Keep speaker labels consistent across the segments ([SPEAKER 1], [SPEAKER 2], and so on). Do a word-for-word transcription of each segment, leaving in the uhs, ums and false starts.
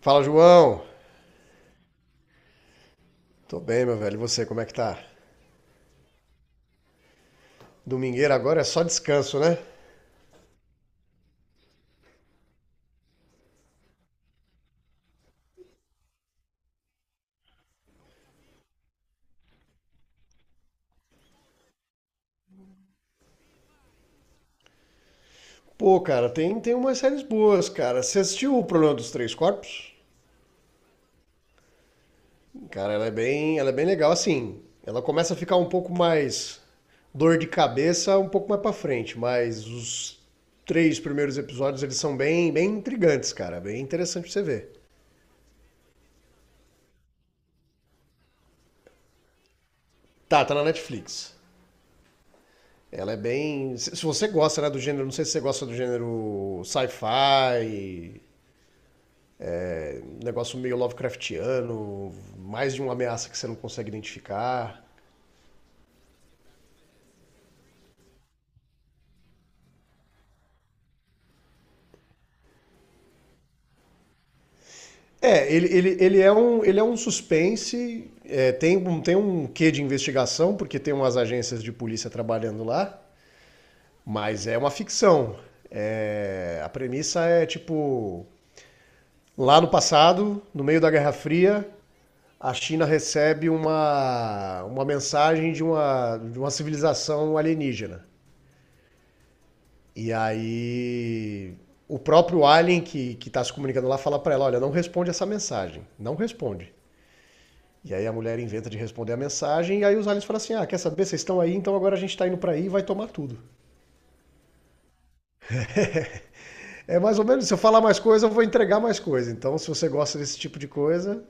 [SPEAKER 1] Fala, João. Tô bem, meu velho. E você, como é que tá? Domingueira agora é só descanso, né? Pô, cara, tem, tem umas séries boas, cara. Você assistiu o Problema dos Três Corpos? Cara, ela é bem, ela é bem legal, assim. Ela começa a ficar um pouco mais dor de cabeça um pouco mais pra frente, mas os três primeiros episódios eles são bem, bem intrigantes, cara. Bem interessante pra você ver. Tá, tá na Netflix. Ela é bem. Se se você gosta, né, do gênero, não sei se você gosta do gênero sci-fi, um negócio meio Lovecraftiano, mais de uma ameaça que você não consegue identificar. É, ele, ele, ele, é, um, ele é um suspense, é, tem, um, tem um quê de investigação, porque tem umas agências de polícia trabalhando lá, mas é uma ficção. É, a premissa é tipo: lá no passado, no meio da Guerra Fria, a China recebe uma, uma mensagem de uma, de uma civilização alienígena. E aí o próprio alien que, que está se comunicando lá fala para ela, olha, não responde essa mensagem, não responde. E aí a mulher inventa de responder a mensagem e aí os aliens falam assim, ah, quer saber, vocês estão aí, então agora a gente está indo para aí e vai tomar tudo. É mais ou menos, se eu falar mais coisa, eu vou entregar mais coisa. Então se você gosta desse tipo de coisa...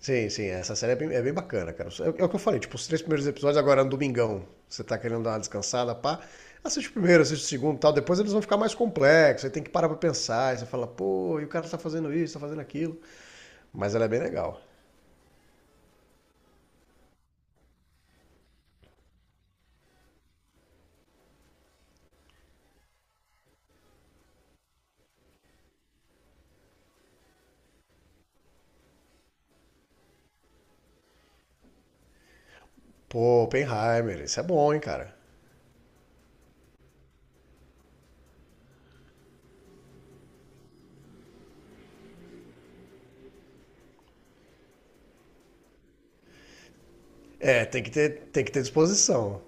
[SPEAKER 1] Sim, sim, essa série é bem, é bem bacana, cara. É, é o que eu falei, tipo, os três primeiros episódios agora no domingão, você tá querendo dar uma descansada, pá, assiste o primeiro, assiste o segundo e tal, depois eles vão ficar mais complexos, aí tem que parar pra pensar, aí você fala, pô, e o cara tá fazendo isso, tá fazendo aquilo. Mas ela é bem legal. Pô, Oppenheimer, isso é bom, hein, cara. É, tem que ter, tem que ter disposição.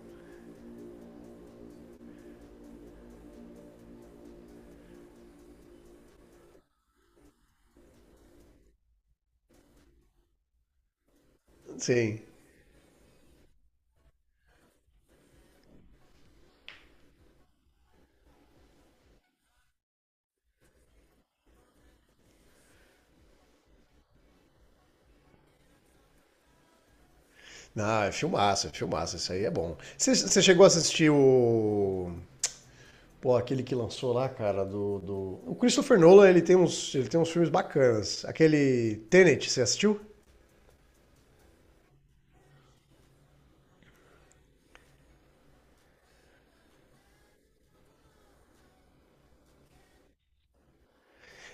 [SPEAKER 1] Sim. Não, é filmaço, é filmaço, isso aí é bom. Você você chegou a assistir o... Pô, aquele que lançou lá, cara, do, do... O Christopher Nolan, ele tem uns, ele tem uns, filmes bacanas. Aquele Tenet, você assistiu?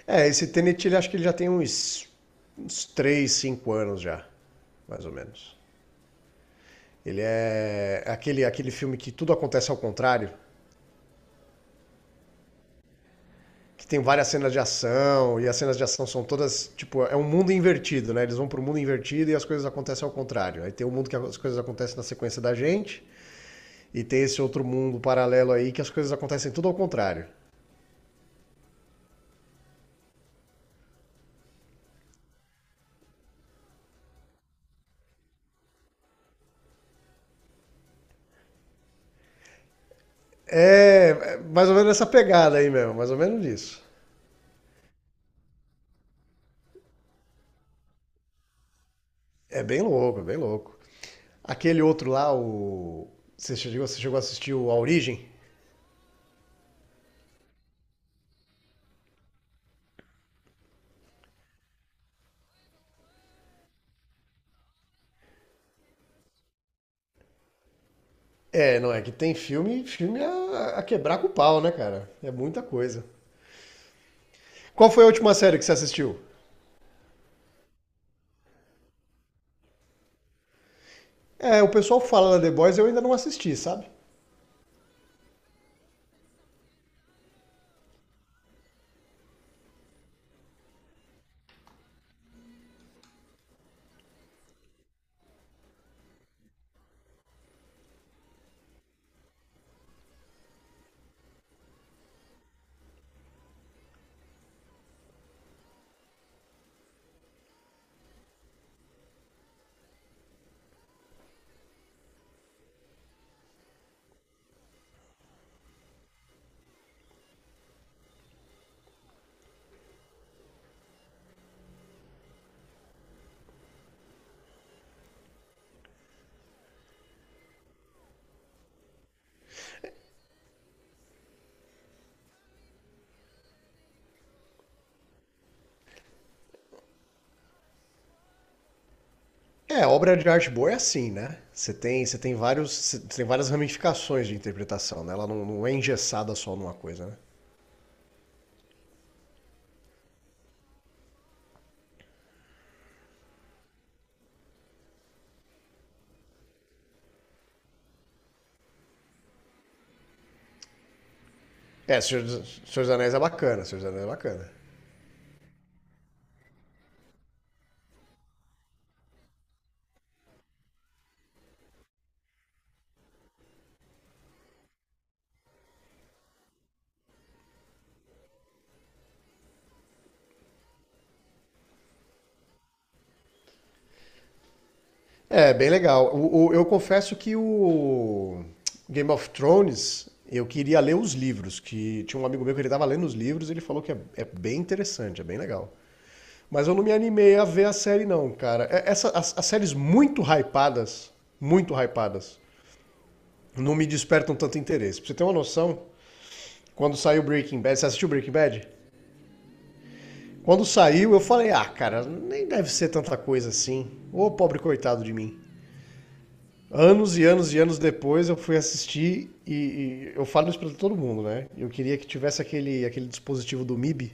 [SPEAKER 1] É, esse Tenet, ele acho que ele já tem uns, uns três cinco anos já, mais ou menos. Ele é aquele, aquele filme que tudo acontece ao contrário, que tem várias cenas de ação, e as cenas de ação são todas, tipo, é um mundo invertido, né? Eles vão pro mundo invertido e as coisas acontecem ao contrário. Aí tem o mundo que as coisas acontecem na sequência da gente, e tem esse outro mundo paralelo aí que as coisas acontecem tudo ao contrário. É, é mais ou menos essa pegada aí mesmo, mais ou menos isso. É bem louco, é bem louco. Aquele outro lá, o... Você chegou, você chegou a assistir o A Origem? É, não é que tem filme, filme a, a quebrar com o pau, né, cara? É muita coisa. Qual foi a última série que você assistiu? É, o pessoal fala da The Boys, eu ainda não assisti, sabe? É, obra de arte boa é assim, né? Você tem, você tem vários, você tem várias ramificações de interpretação, né? Ela não, não é engessada só numa coisa, né? É, Senhor, dos- Senhor dos Anéis é bacana, Senhor dos Anéis é bacana. É, bem legal. O- o- eu confesso que o Game of Thrones, eu queria ler os livros, que tinha um amigo meu que ele tava lendo os livros e ele falou que é, é bem interessante, é bem legal. Mas eu não me animei a ver a série não, cara. É- Essa, as, as séries muito hypadas, muito hypadas, não me despertam tanto interesse. Pra você ter uma noção, quando saiu Breaking Bad, você assistiu Breaking Bad? Quando saiu, eu falei, ah, cara, nem deve ser tanta coisa assim. Ô, pobre coitado de mim. Anos e anos e anos depois eu fui assistir e, e eu falo isso pra todo mundo, né? Eu queria que tivesse aquele, aquele, dispositivo do M I B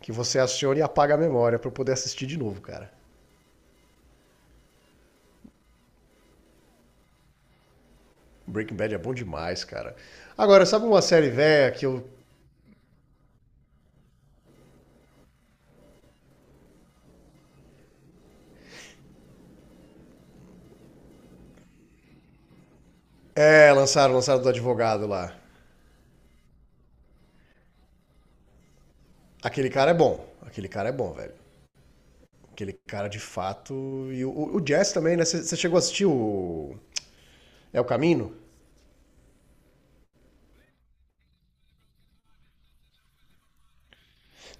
[SPEAKER 1] que você aciona e apaga a memória pra eu poder assistir de novo, cara. Breaking Bad é bom demais, cara. Agora, sabe uma série velha que eu... É, lançaram, lançaram do advogado lá. Aquele cara é bom. Aquele cara é bom, velho. Aquele cara de fato. E o, o Jazz também, né? Você chegou a assistir o... É o Caminho?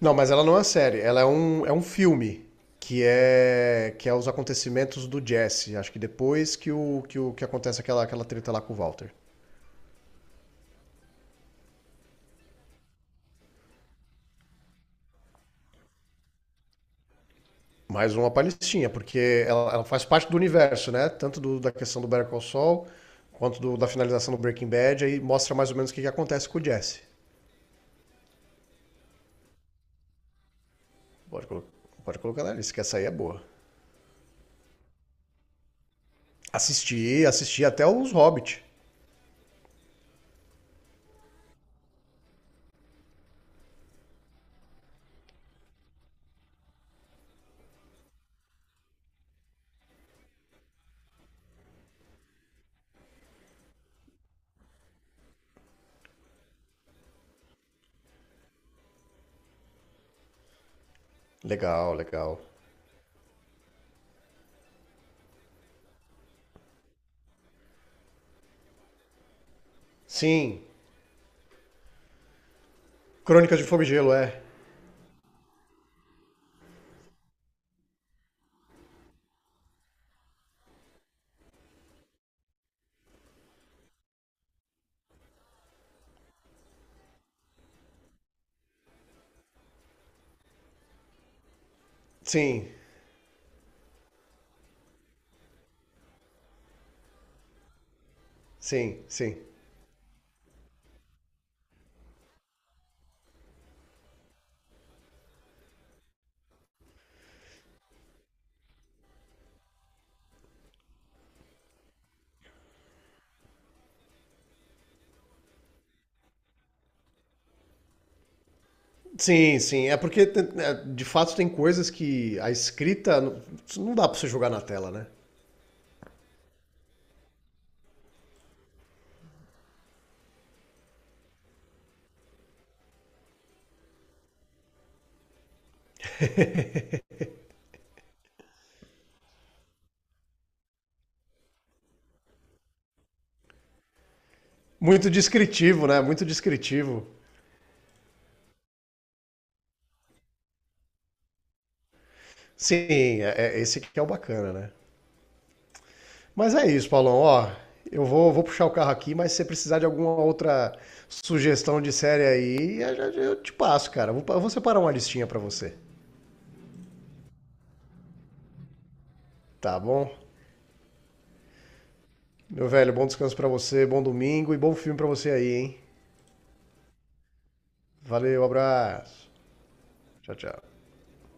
[SPEAKER 1] Não, mas ela não é uma série, ela é um, é um filme que é que é os acontecimentos do Jesse, acho que depois que o que, o, que acontece aquela, aquela treta lá com o Walter. Mais uma palestinha, porque ela, ela faz parte do universo, né? Tanto do- da questão do Better Call Saul, quanto do- da finalização do Breaking Bad, aí mostra mais ou menos o que, que acontece com o Jesse. Pode, colo- Pode colocar na lista, que essa aí é boa. Assisti, assisti até os Hobbit. Legal, legal. Sim. Crônicas de Fogo e Gelo, é. Sim, sim, sim. Sim, sim. É porque, tem- é, de fato, tem coisas que a escrita não não dá pra você jogar na tela, né? Muito descritivo, né? Muito descritivo. Sim, é, é- esse que é o bacana, né? Mas é isso, Paulão. Ó, eu vou, vou puxar o carro aqui, mas se você precisar de alguma outra sugestão de série aí, eu, já- eu te passo, cara. Eu Vou, pa- eu vou separar uma listinha pra você. Tá bom? Meu velho, bom descanso pra você, bom domingo e bom filme pra você aí, hein? Valeu, abraço. Tchau, tchau.